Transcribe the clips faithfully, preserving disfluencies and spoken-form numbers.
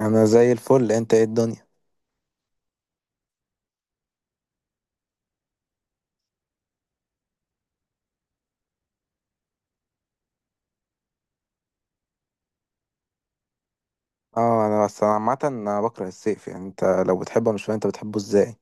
انا زي الفل، انت ايه الدنيا؟ اه، انا بس أنا عامه انا بكره الصيف، يعني انت لو بتحبه مش فاهم انت بتحبه ازاي.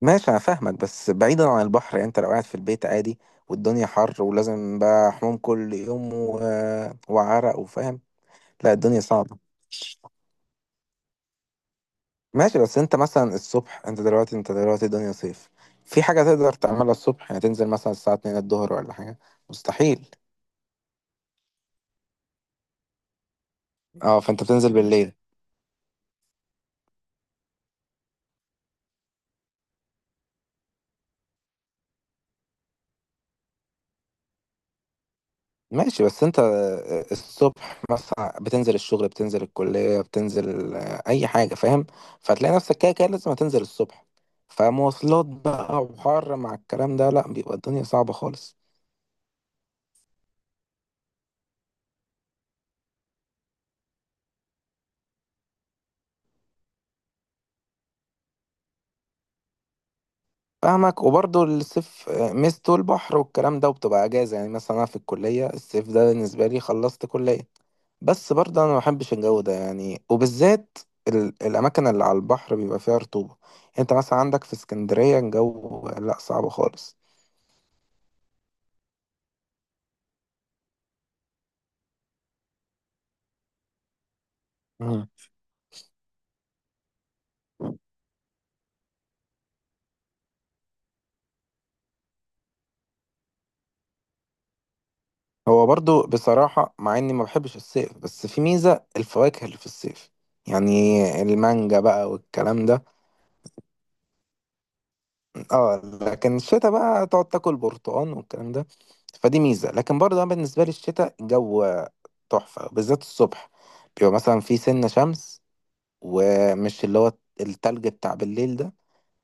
ماشي انا فاهمك، بس بعيدا عن البحر يعني انت لو قاعد في البيت عادي والدنيا حر ولازم بقى حموم كل يوم و... وعرق وفاهم. لا الدنيا صعبه. ماشي بس انت مثلا الصبح، انت دلوقتي انت دلوقتي الدنيا صيف، في حاجه تقدر تعملها الصبح؟ يعني تنزل مثلا الساعه اتنين الظهر ولا حاجه؟ مستحيل. اه فانت بتنزل بالليل. ماشي بس انت الصبح مثلا بتنزل الشغل، بتنزل الكلية، بتنزل اي حاجة فاهم، فتلاقي نفسك كده كده لازم هتنزل الصبح، فمواصلات بقى وحر مع الكلام ده، لا بيبقى الدنيا صعبة خالص. فاهمك، وبرضه الصيف ميزته البحر والكلام ده، وبتبقى اجازة يعني مثلا انا في الكلية الصيف ده بالنسبة لي خلصت كلية. بس برضه انا ما بحبش الجو ده يعني، وبالذات ال- الاماكن اللي على البحر بيبقى فيها رطوبة، يعني انت مثلا عندك في اسكندرية الجو لا صعب خالص. مم. هو برضو بصراحة مع اني ما بحبش الصيف، بس في ميزة الفواكه اللي في الصيف يعني، المانجا بقى والكلام ده. اه. لكن الشتاء بقى تقعد تاكل برتقال والكلام ده، فدي ميزة. لكن برضو انا بالنسبة لي الشتاء الجو تحفة، بالذات الصبح بيبقى مثلا في سنة شمس، ومش اللي هو التلج بتاع بالليل ده،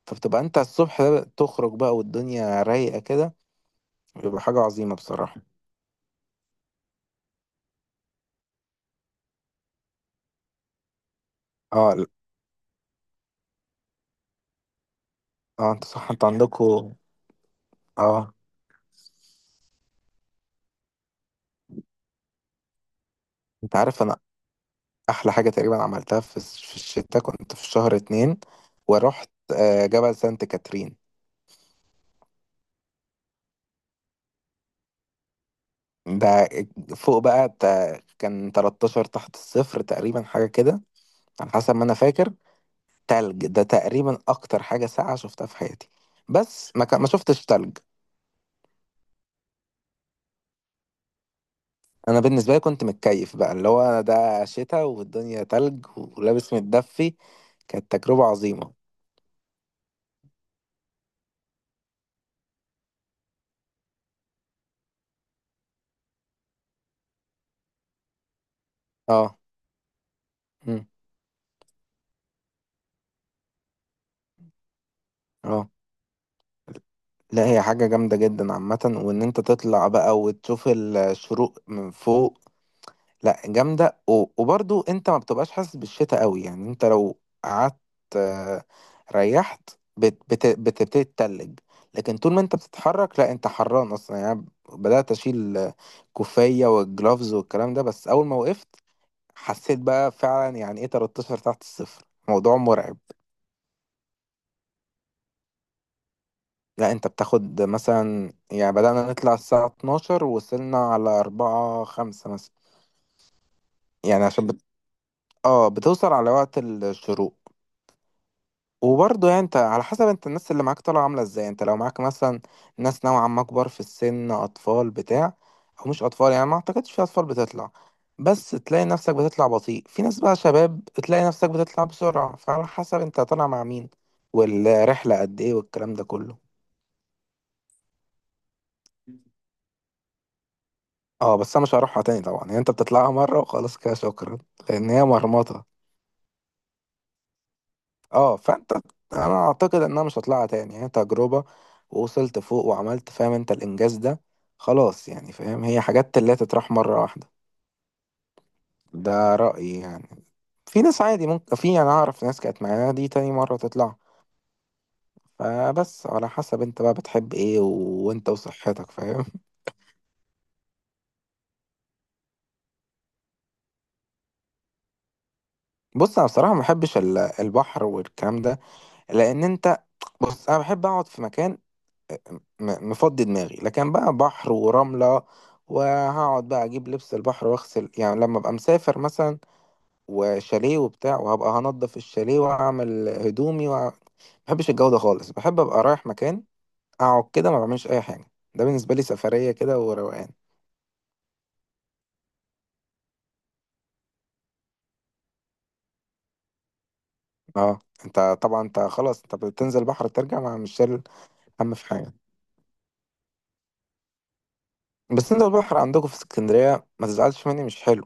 فبتبقى انت الصبح تخرج بقى والدنيا رايقة كده، بيبقى حاجة عظيمة بصراحة. اه. اه انت صح، انت عندكوا. اه. انت عارف انا احلى حاجه تقريبا عملتها في الش- في الشتاء، كنت في شهر اتنين ورحت آه، جبل سانت كاترين. ده فوق بقى تا- كان تلتاشر تحت الصفر تقريبا حاجه كده، على حسب ما انا فاكر. تلج ده تقريبا اكتر حاجه ساقعه شفتها في حياتي، بس ما كان- ما شفتش تلج. انا بالنسبه لي كنت متكيف بقى، اللي هو أنا ده شتاء والدنيا تلج ولابس متدفي، كانت تجربه عظيمه. اه. مم. اه لا هي حاجة جامدة جدا عامة، وان انت تطلع بقى وتشوف الشروق من فوق لا جامدة. و- وبرضو انت ما بتبقاش حاسس بالشتاء قوي يعني، انت لو قعدت آه، ريحت بت- بت- بتبتدي تتلج، لكن طول ما انت بتتحرك لا انت حران اصلا. يعني أنا بدأت اشيل كوفية والجلافز والكلام ده، بس اول ما وقفت حسيت بقى فعلا يعني ايه ثلاثة عشر تحت الصفر، موضوع مرعب. لا انت بتاخد مثلا، يعني بدأنا نطلع الساعة اثنا عشر ووصلنا على أربعة خمسة مثلا، يعني عشان بت... اه بتوصل على وقت الشروق. وبرضه يعني انت على حسب انت الناس اللي معاك طالعة عاملة ازاي، انت لو معاك مثلا ناس نوعا ما كبار في السن، اطفال بتاع، او مش اطفال يعني ما اعتقدش في اطفال بتطلع، بس تلاقي نفسك بتطلع بطيء، في ناس بقى شباب تلاقي نفسك بتطلع بسرعة، فعلى حسب انت طالع مع مين والرحلة قد ايه والكلام ده كله. اه بس انا مش هروحها تاني طبعا، يعني انت بتطلعها مره وخلاص كده شكرا، لان هي مرمطه. اه فانت، انا اعتقد ان انا مش هطلعها تاني، يعني تجربه ووصلت فوق وعملت فاهم انت الانجاز ده، خلاص يعني فاهم، هي حاجات اللي تتراح مره واحده. ده رايي يعني، في ناس عادي ممكن، في انا اعرف ناس كانت معانا دي تاني مره تطلع، فبس على حسب انت بقى بتحب ايه و... وانت وصحتك فاهم. بص انا بصراحه ما بحبش ال- البحر والكلام ده، لان انت، بص انا بحب اقعد في مكان م- مفضي دماغي، لكن بقى بحر ورملة وهقعد بقى اجيب لبس البحر واغسل، يعني لما ابقى مسافر مثلا وشاليه وبتاع وهبقى هنضف الشاليه واعمل هدومي وأع... ما بحبش الجو ده خالص. بحب ابقى رايح مكان اقعد كده ما بعملش اي حاجة، ده بالنسبة لي سفرية كده وروقان. اه انت طبعا انت خلاص انت بتنزل بحر ترجع ما مش شايل هم في حاجة. بس انت البحر عندكم في اسكندرية ما تزعلش مني مش حلو.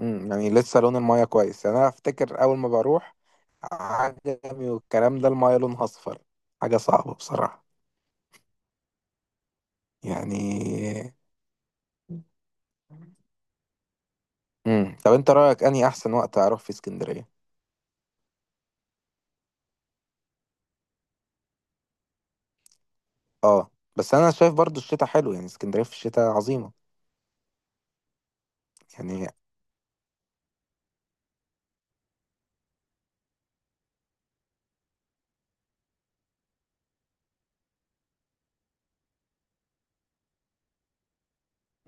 امم، يعني لسه لون المايه كويس؟ يعني انا افتكر اول ما بروح عجمي والكلام ده المايه لونها اصفر، حاجه صعبه بصراحه يعني. امم، طب انت رايك اني احسن وقت اروح في اسكندريه؟ اه بس انا شايف برضو الشتاء حلو يعني، اسكندريه في الشتاء عظيمه يعني.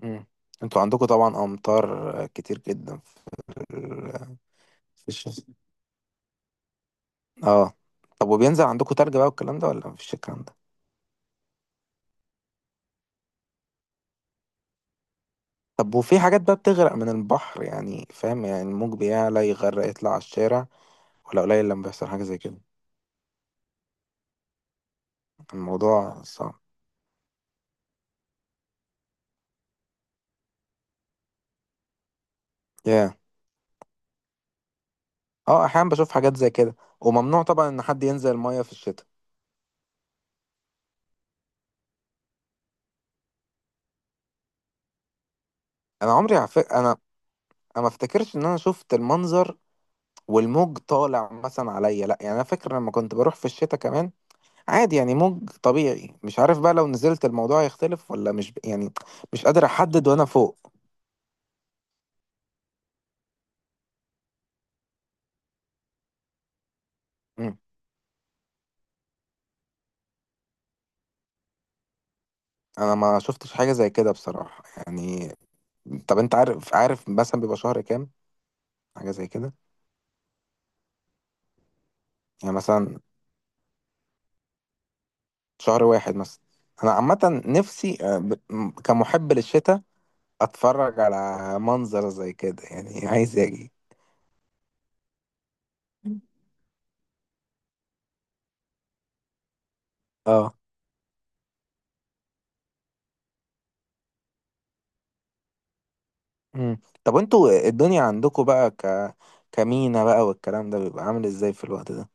امم. انتوا عندكم طبعا امطار كتير جدا في ال- في الشتاء. اه. طب وبينزل عندكم تلج بقى والكلام ده ولا مفيش الكلام ده؟ طب وفي حاجات بقى بتغرق من البحر يعني فاهم، يعني الموج بيعلى يغرق يطلع على الشارع، ولا قليل لما بيحصل حاجه زي كده؟ الموضوع صعب. ياه. اه احيانا بشوف حاجات زي كده، وممنوع طبعا ان حد ينزل المية في الشتاء. انا عمري عف... انا، انا ما افتكرش ان انا شفت المنظر والموج طالع مثلا عليا لا، يعني انا فاكر لما كنت بروح في الشتاء كمان عادي يعني موج طبيعي، مش عارف بقى لو نزلت الموضوع يختلف ولا مش ب... يعني مش قادر احدد وانا فوق. مم. انا ما شفتش حاجة زي كده بصراحة يعني. طب انت عارف، عارف مثلا بيبقى شهر كام حاجة زي كده؟ يعني مثلا شهر واحد مثلا، انا عامة نفسي آه، ب... م- كمحب للشتاء اتفرج على منظر زي كده، يعني عايز اجي. اه. مم. طب انتوا الدنيا عندكم بقى ك كمينا بقى والكلام ده بيبقى عامل ازاي في الوقت ده؟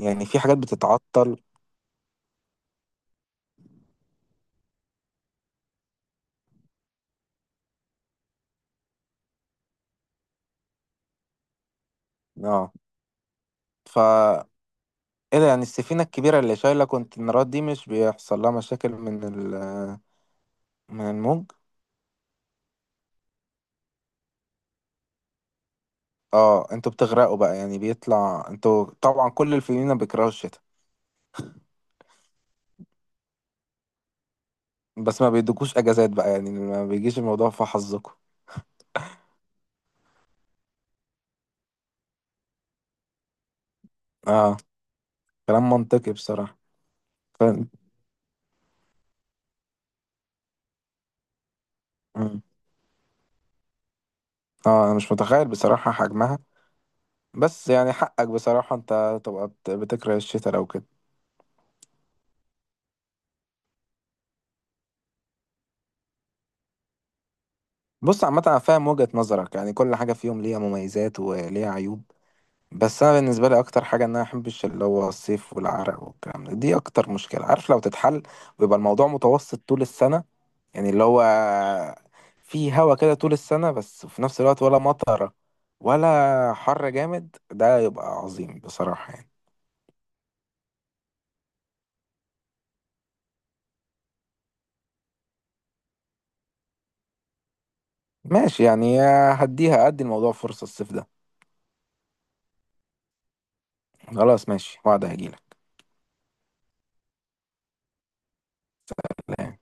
يعني في حاجات بتتعطل؟ اه ف، ايه ده يعني السفينة الكبيرة اللي شايلة كونتينرات دي مش بيحصل لها مشاكل من ال من الموج؟ اه انتوا بتغرقوا بقى، يعني بيطلع، انتوا طبعا كل الفينا بيكرهوا الشتاء. بس ما بيدوكوش اجازات بقى يعني؟ ما بيجيش الموضوع في حظكم. اه كلام منطقي بصراحة. ف... اه انا مش متخيل بصراحة حجمها. بس يعني حقك بصراحة انت تبقى بت- بتكره الشتاء لو كده. بص عامة انا فاهم وجهة نظرك، يعني كل حاجة فيهم ليها مميزات وليها عيوب، بس انا بالنسبة لي اكتر حاجة ان انا احبش اللي هو الصيف والعرق والكلام ده، دي اكتر مشكلة عارف لو تتحل ويبقى الموضوع متوسط طول السنة، يعني اللي هو في هوا كده طول السنة بس في نفس الوقت ولا مطرة ولا حر جامد، ده يبقى عظيم بصراحة يعني. ماشي يعني، هديها ادي الموضوع فرصة الصيف ده. خلاص ماشي، وعد هجيلك. لا.